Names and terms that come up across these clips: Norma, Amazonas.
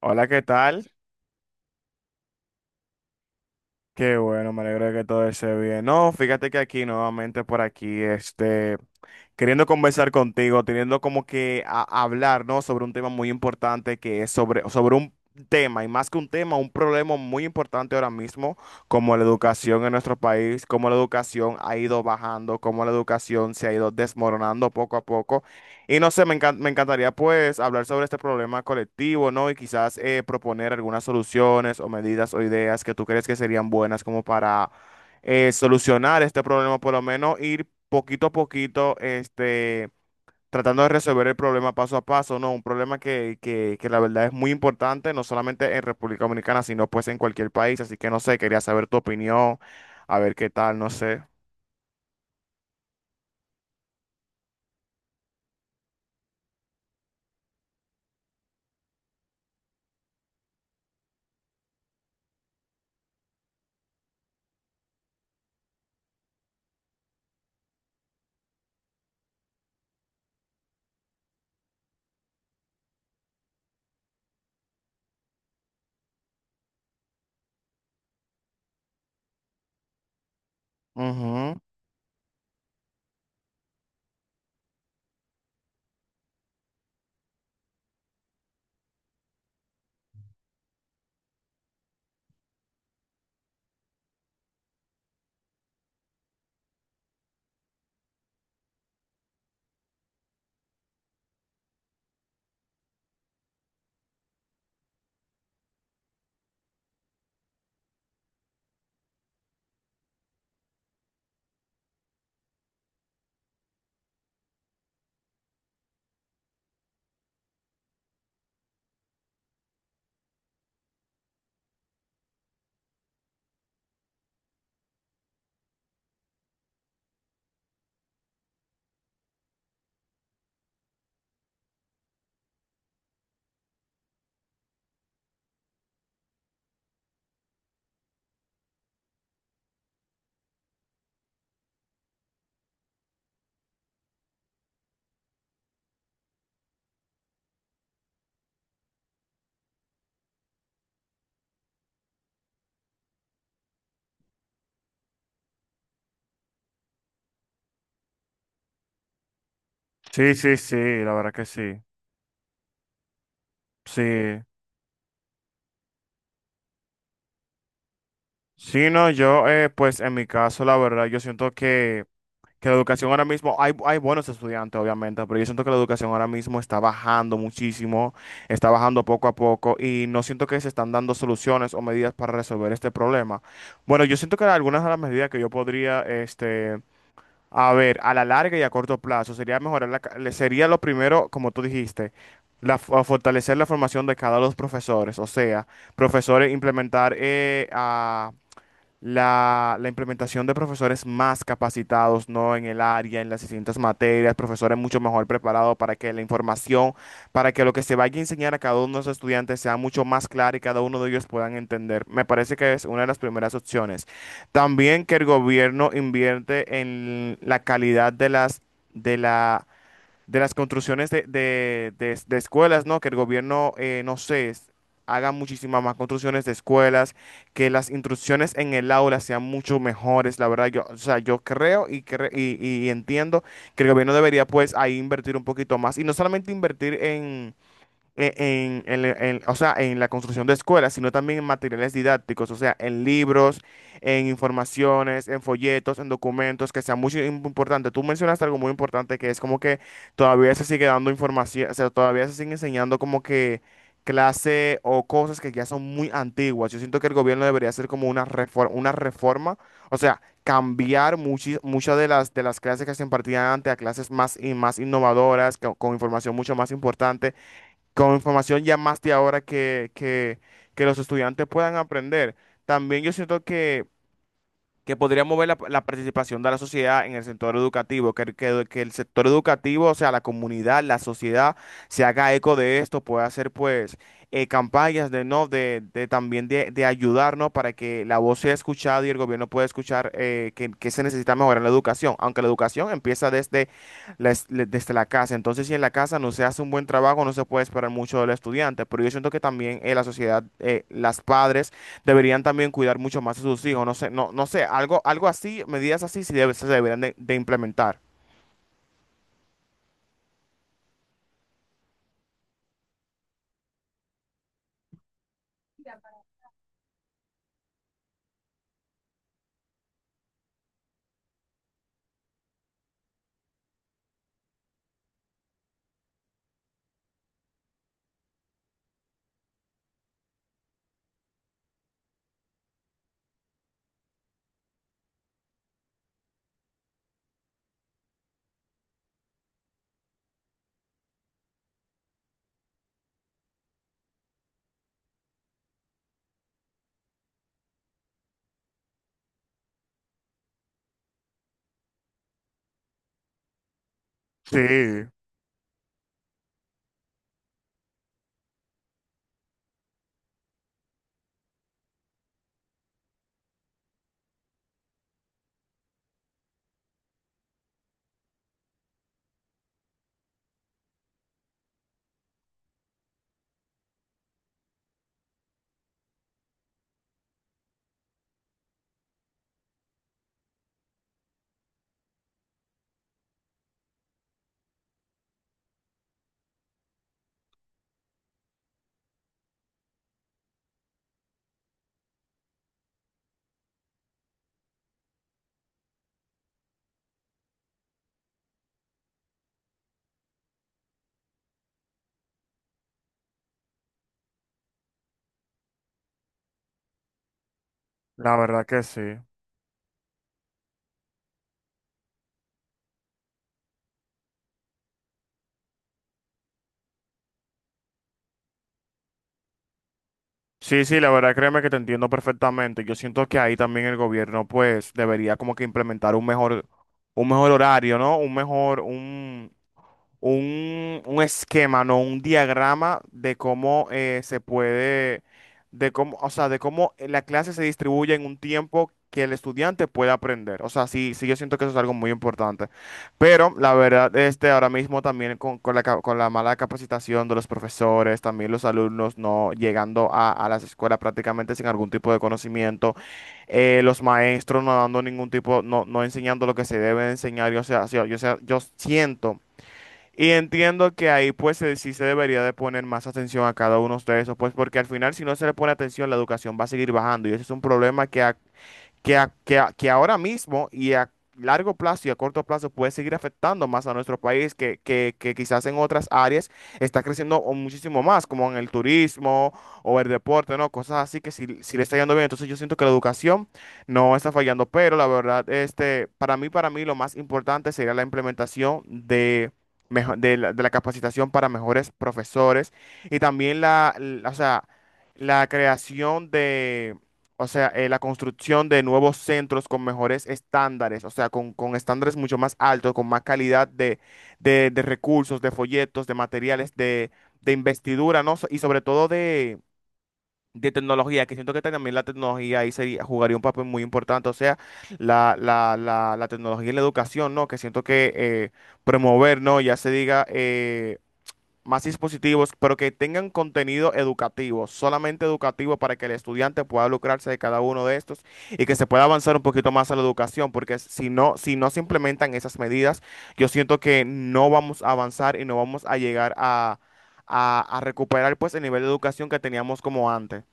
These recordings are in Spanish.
Hola, ¿qué tal? Qué bueno, me alegro de que todo esté bien. No, fíjate que aquí nuevamente por aquí, queriendo conversar contigo, teniendo como que hablar, ¿no? Sobre un tema muy importante que es sobre un tema, y más que un tema, un problema muy importante ahora mismo, como la educación en nuestro país, cómo la educación ha ido bajando, cómo la educación se ha ido desmoronando poco a poco. Y no sé, me encantaría pues hablar sobre este problema colectivo, ¿no? Y quizás proponer algunas soluciones o medidas o ideas que tú crees que serían buenas como para solucionar este problema, por lo menos ir poquito a poquito, tratando de resolver el problema paso a paso, ¿no? Un problema que la verdad es muy importante, no solamente en República Dominicana, sino pues en cualquier país. Así que no sé, quería saber tu opinión, a ver qué tal, no sé. Ujú. Sí, sí, sí, la verdad que sí. sí. Sí, no, yo, pues en mi caso, la verdad, yo siento que la educación ahora mismo, hay buenos estudiantes, obviamente, pero yo siento que la educación ahora mismo está bajando muchísimo, está bajando poco a poco y no siento que se están dando soluciones o medidas para resolver este problema. Bueno, yo siento que algunas de las medidas que yo podría, a ver, a la larga y a corto plazo, sería mejorar sería lo primero, como tú dijiste, fortalecer la formación de cada uno de los profesores, o sea, profesores implementar a la implementación de profesores más capacitados, ¿no? En el área, en las distintas materias, profesores mucho mejor preparados para que la información, para que lo que se vaya a enseñar a cada uno de los estudiantes sea mucho más claro y cada uno de ellos puedan entender. Me parece que es una de las primeras opciones. También que el gobierno invierte en la calidad de de la de las construcciones de escuelas, ¿no? Que el gobierno, no sé, haga muchísimas más construcciones de escuelas, que las instrucciones en el aula sean mucho mejores, la verdad, yo, o sea, yo creo y entiendo que el gobierno debería pues ahí invertir un poquito más y no solamente invertir en o sea, en la construcción de escuelas, sino también en materiales didácticos, o sea, en libros, en informaciones, en folletos, en documentos, que sea muy importante. Tú mencionaste algo muy importante que es como que todavía se sigue dando información, o sea, todavía se sigue enseñando como que clase o cosas que ya son muy antiguas. Yo siento que el gobierno debería hacer como una reforma, o sea, cambiar muchas de las clases que se impartían antes a clases más y más innovadoras, con información mucho más importante con información ya más de ahora que los estudiantes puedan aprender. También yo siento que podría mover la participación de la sociedad en el sector educativo, que el sector educativo, o sea, la comunidad, la sociedad, se haga eco de esto, pueda hacer pues campañas de no, de también de ayudarnos. Para que la voz sea escuchada y el gobierno pueda escuchar que se necesita mejorar la educación, aunque la educación empieza desde desde la casa, entonces si en la casa no se hace un buen trabajo, no se puede esperar mucho del estudiante, pero yo siento que también la sociedad, las padres, deberían también cuidar mucho más a sus hijos. No sé, no, no sé, algo, algo así, medidas así sí se deberían de implementar. Sí, la verdad que sí. Sí, sí, la verdad créeme que te entiendo perfectamente. Yo siento que ahí también el gobierno pues debería como que implementar un mejor horario, ¿no? Un mejor, un, un esquema, no un diagrama de cómo se puede, de cómo, o sea, de cómo la clase se distribuye en un tiempo que el estudiante pueda aprender. O sea, sí, sí, yo siento que eso es algo muy importante. Pero la verdad, ahora mismo también con con la mala capacitación de los profesores, también los alumnos no llegando a las escuelas prácticamente sin algún tipo de conocimiento, los maestros no dando ningún tipo, no, no enseñando lo que se debe enseñar. Yo, sea, yo yo siento. Y entiendo que ahí pues sí se debería de poner más atención a cada uno de esos, pues porque al final si no se le pone atención la educación va a seguir bajando y ese es un problema que ahora mismo y a largo plazo y a corto plazo puede seguir afectando más a nuestro país, que quizás en otras áreas está creciendo o muchísimo más, como en el turismo o el deporte, ¿no? Cosas así que si, si le está yendo bien, entonces yo siento que la educación no está fallando, pero la verdad, para mí lo más importante sería la implementación de... De de la capacitación para mejores profesores y también o sea, la creación de, o sea, la construcción de nuevos centros con mejores estándares, o sea, con estándares mucho más altos, con más calidad de recursos, de folletos, de materiales, de investidura, ¿no? Y sobre todo de tecnología, que siento que también la tecnología ahí jugaría un papel muy importante, o sea, la tecnología y la educación, ¿no? Que siento que promover, ¿no? Ya se diga... más dispositivos, pero que tengan contenido educativo, solamente educativo para que el estudiante pueda lucrarse de cada uno de estos y que se pueda avanzar un poquito más a la educación, porque si no, si no se implementan esas medidas, yo siento que no vamos a avanzar y no vamos a llegar a recuperar pues el nivel de educación que teníamos como antes.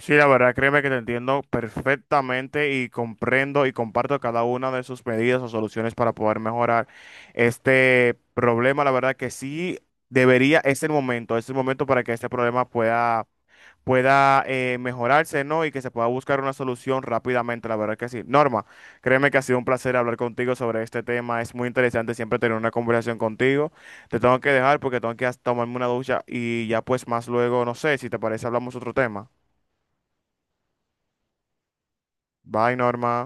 Sí, la verdad, créeme que te entiendo perfectamente y comprendo y comparto cada una de sus medidas o soluciones para poder mejorar este problema. La verdad que sí debería, es el momento para que este problema pueda, pueda mejorarse, ¿no? Y que se pueda buscar una solución rápidamente, la verdad que sí. Norma, créeme que ha sido un placer hablar contigo sobre este tema. Es muy interesante siempre tener una conversación contigo. Te tengo que dejar porque tengo que tomarme una ducha y ya pues más luego, no sé, si te parece, hablamos otro tema. Bye, Norma.